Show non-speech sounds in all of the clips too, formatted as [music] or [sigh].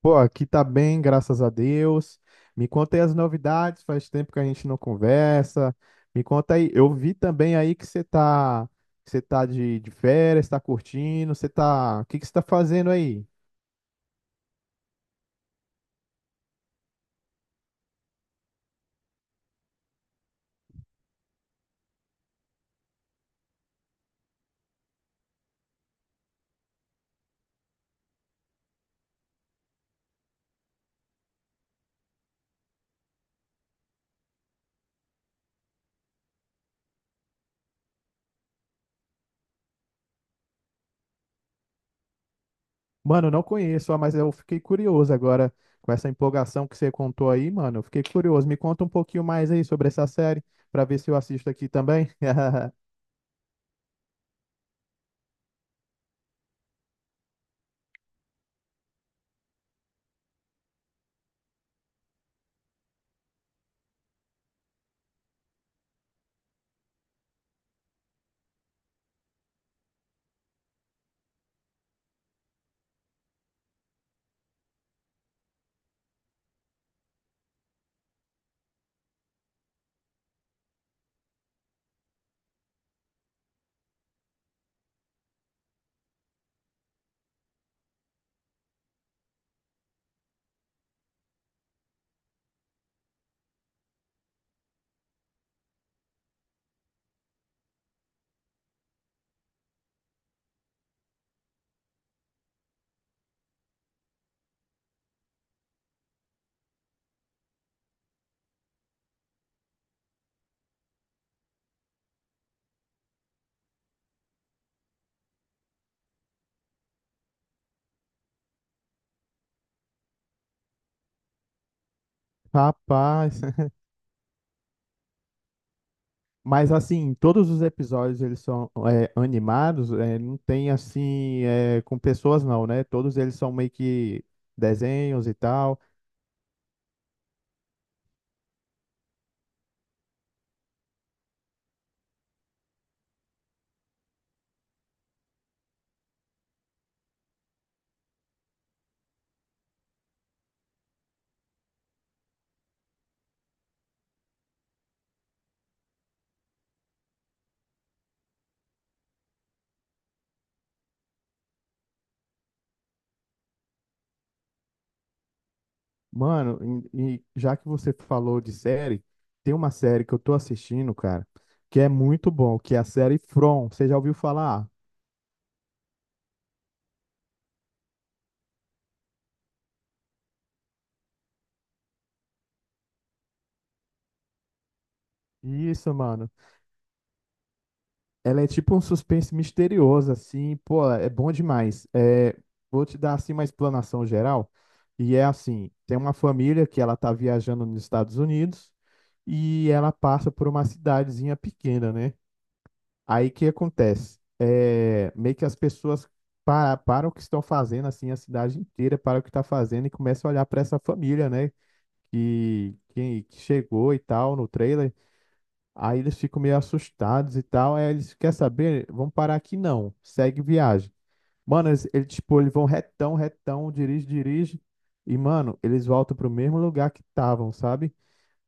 Pô, aqui tá bem, graças a Deus. Me conta aí as novidades, faz tempo que a gente não conversa. Me conta aí, eu vi também aí que você tá, que você tá de férias, tá curtindo, você tá, o que que você tá fazendo aí? Mano, eu não conheço, ah, mas eu fiquei curioso agora com essa empolgação que você contou aí, mano. Eu fiquei curioso. Me conta um pouquinho mais aí sobre essa série, pra ver se eu assisto aqui também. [laughs] Rapaz. [laughs] Mas assim, todos os episódios eles são animados, não tem assim com pessoas não, né? Todos eles são meio que desenhos e tal. Mano, e já que você falou de série, tem uma série que eu tô assistindo, cara, que é muito bom, que é a série From. Você já ouviu falar? Isso, mano. Ela é tipo um suspense misterioso, assim, pô, é bom demais. É, vou te dar, assim, uma explanação geral. E é assim, tem uma família que ela tá viajando nos Estados Unidos e ela passa por uma cidadezinha pequena, né? Aí o que acontece? É, meio que as pessoas param o que estão fazendo, assim, a cidade inteira para o que está fazendo e começam a olhar para essa família, né? Que chegou e tal no trailer. Aí eles ficam meio assustados e tal. Aí eles, quer saber? Vamos parar aqui não. Segue viagem. Mano, eles, tipo, eles vão retão, retão, dirige, dirige. E, mano, eles voltam pro mesmo lugar que estavam, sabe?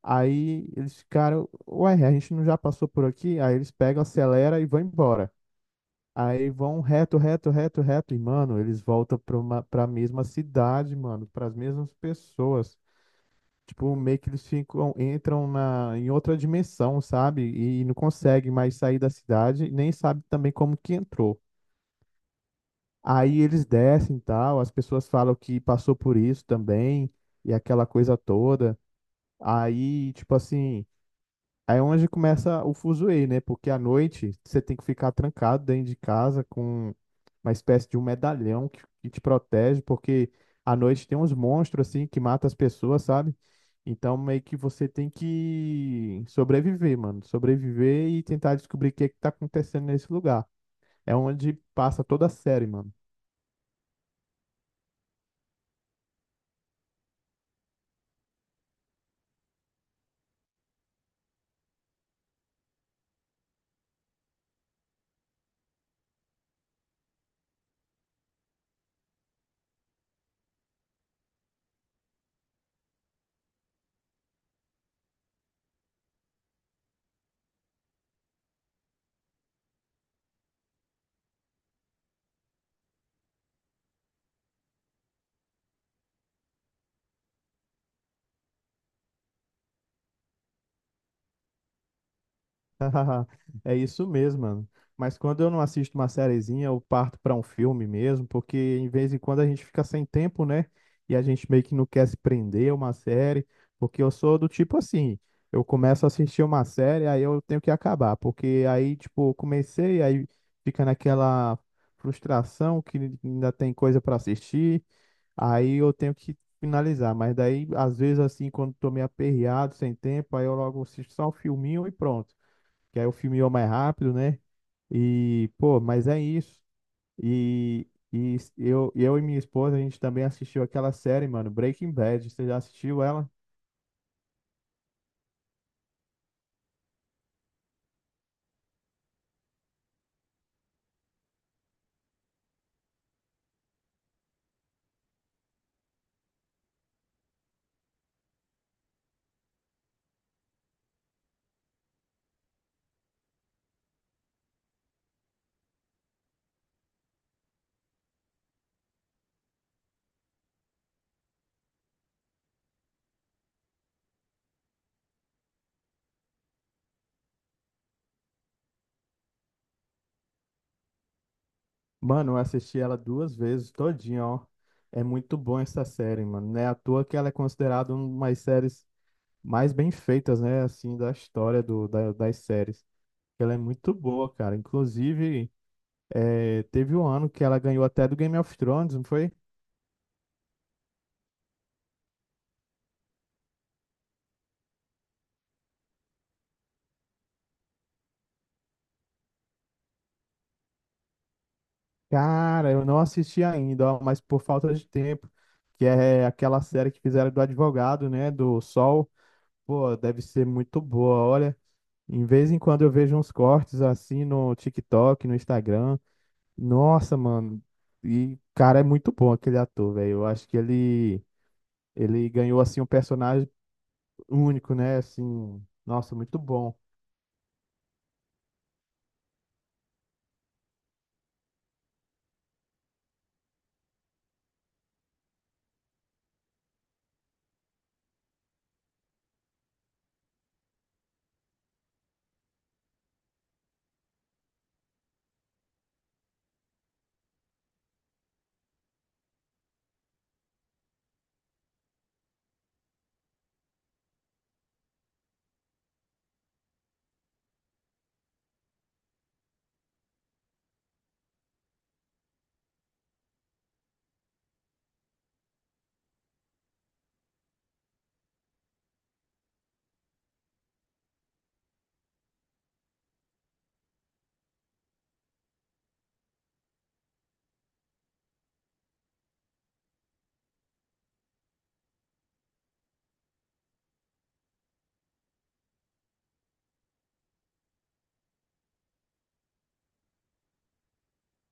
Aí eles ficaram, ué, a gente não já passou por aqui? Aí eles pegam, acelera e vão embora. Aí vão reto, reto, reto, reto. E, mano, eles voltam pra mesma cidade, mano, pras mesmas pessoas. Tipo, meio que eles ficam, em outra dimensão, sabe? E não conseguem mais sair da cidade, nem sabe também como que entrou. Aí eles descem e tal, as pessoas falam que passou por isso também, e aquela coisa toda. Aí, tipo assim, aí é onde começa o fuzuê, né? Porque à noite você tem que ficar trancado dentro de casa com uma espécie de um medalhão que te protege, porque à noite tem uns monstros assim que matam as pessoas, sabe? Então meio que você tem que sobreviver, mano. Sobreviver e tentar descobrir o que é que tá acontecendo nesse lugar. É onde passa toda a série, mano. [laughs] É isso mesmo, mano. Mas quando eu não assisto uma sériezinha, eu parto pra um filme mesmo, porque em vez em quando a gente fica sem tempo, né? E a gente meio que não quer se prender a uma série, porque eu sou do tipo assim, eu começo a assistir uma série, aí eu tenho que acabar, porque aí, tipo, eu comecei, aí fica naquela frustração que ainda tem coisa pra assistir, aí eu tenho que finalizar. Mas daí, às vezes, assim, quando tô meio aperreado, sem tempo, aí eu logo assisto só um filminho e pronto, que aí o filme ia mais rápido, né? E, pô, mas é isso. E eu e minha esposa, a gente também assistiu aquela série, mano, Breaking Bad. Você já assistiu ela? Mano, eu assisti ela duas vezes, todinha, ó. É muito bom essa série, mano. Não é à toa que ela é considerada uma das séries mais bem feitas, né? Assim, da história das séries. Ela é muito boa, cara. Inclusive, teve um ano que ela ganhou até do Game of Thrones, não foi? Cara, eu não assisti ainda, ó, mas por falta de tempo, que é aquela série que fizeram do advogado, né, do Sol. Pô, deve ser muito boa, olha. Em vez em quando eu vejo uns cortes assim no TikTok, no Instagram. Nossa, mano. E cara, é muito bom aquele ator, velho. Eu acho que ele ganhou assim um personagem único, né? Assim, nossa, muito bom.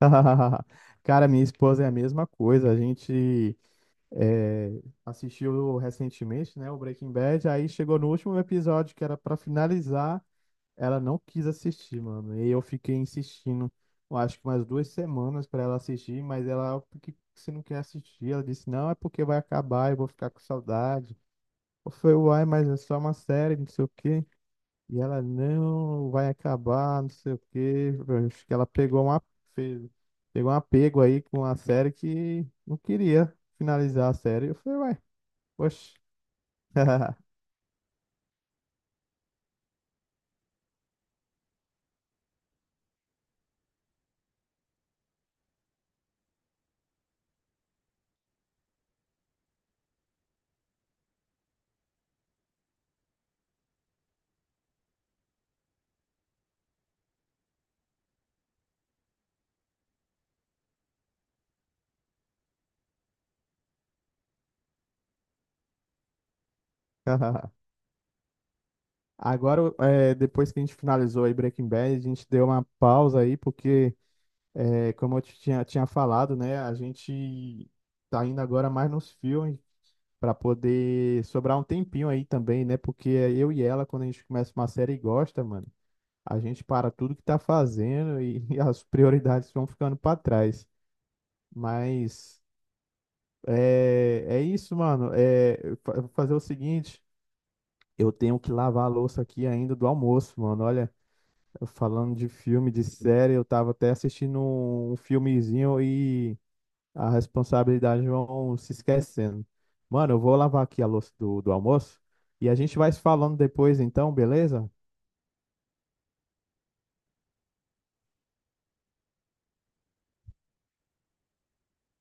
[laughs] Cara, minha esposa é a mesma coisa. A gente assistiu recentemente, né, o Breaking Bad. Aí chegou no último episódio que era pra finalizar, ela não quis assistir, mano. E eu fiquei insistindo, eu acho que umas duas semanas pra ela assistir, mas ela, "Ah, por que você não quer assistir? Ela disse, não, é porque vai acabar, eu vou ficar com saudade." Eu falei, uai, mas é só uma série, não sei o quê. E ela não vai acabar, não sei o quê. Acho que ela pegou uma, fez- pegou um apego aí com a série que não queria finalizar a série. Eu falei, ué, poxa. [laughs] Agora, é, depois que a gente finalizou aí Breaking Bad, a gente deu uma pausa aí, porque, é, como eu te tinha falado, né, a gente tá indo agora mais nos filmes para poder sobrar um tempinho aí também, né, porque é eu e ela, quando a gente começa uma série, gosta, mano. A gente para tudo que tá fazendo e, [laughs] e as prioridades vão ficando para trás. Mas é, é isso, mano. É, eu vou fazer o seguinte: eu tenho que lavar a louça aqui ainda do almoço, mano. Olha, eu falando de filme, de série, eu tava até assistindo um, um filmezinho e a responsabilidade vão se esquecendo. Mano, eu vou lavar aqui a louça do almoço e a gente vai se falando depois, então, beleza?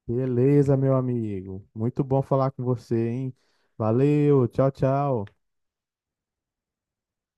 Beleza, meu amigo. Muito bom falar com você, hein? Valeu, tchau, tchau.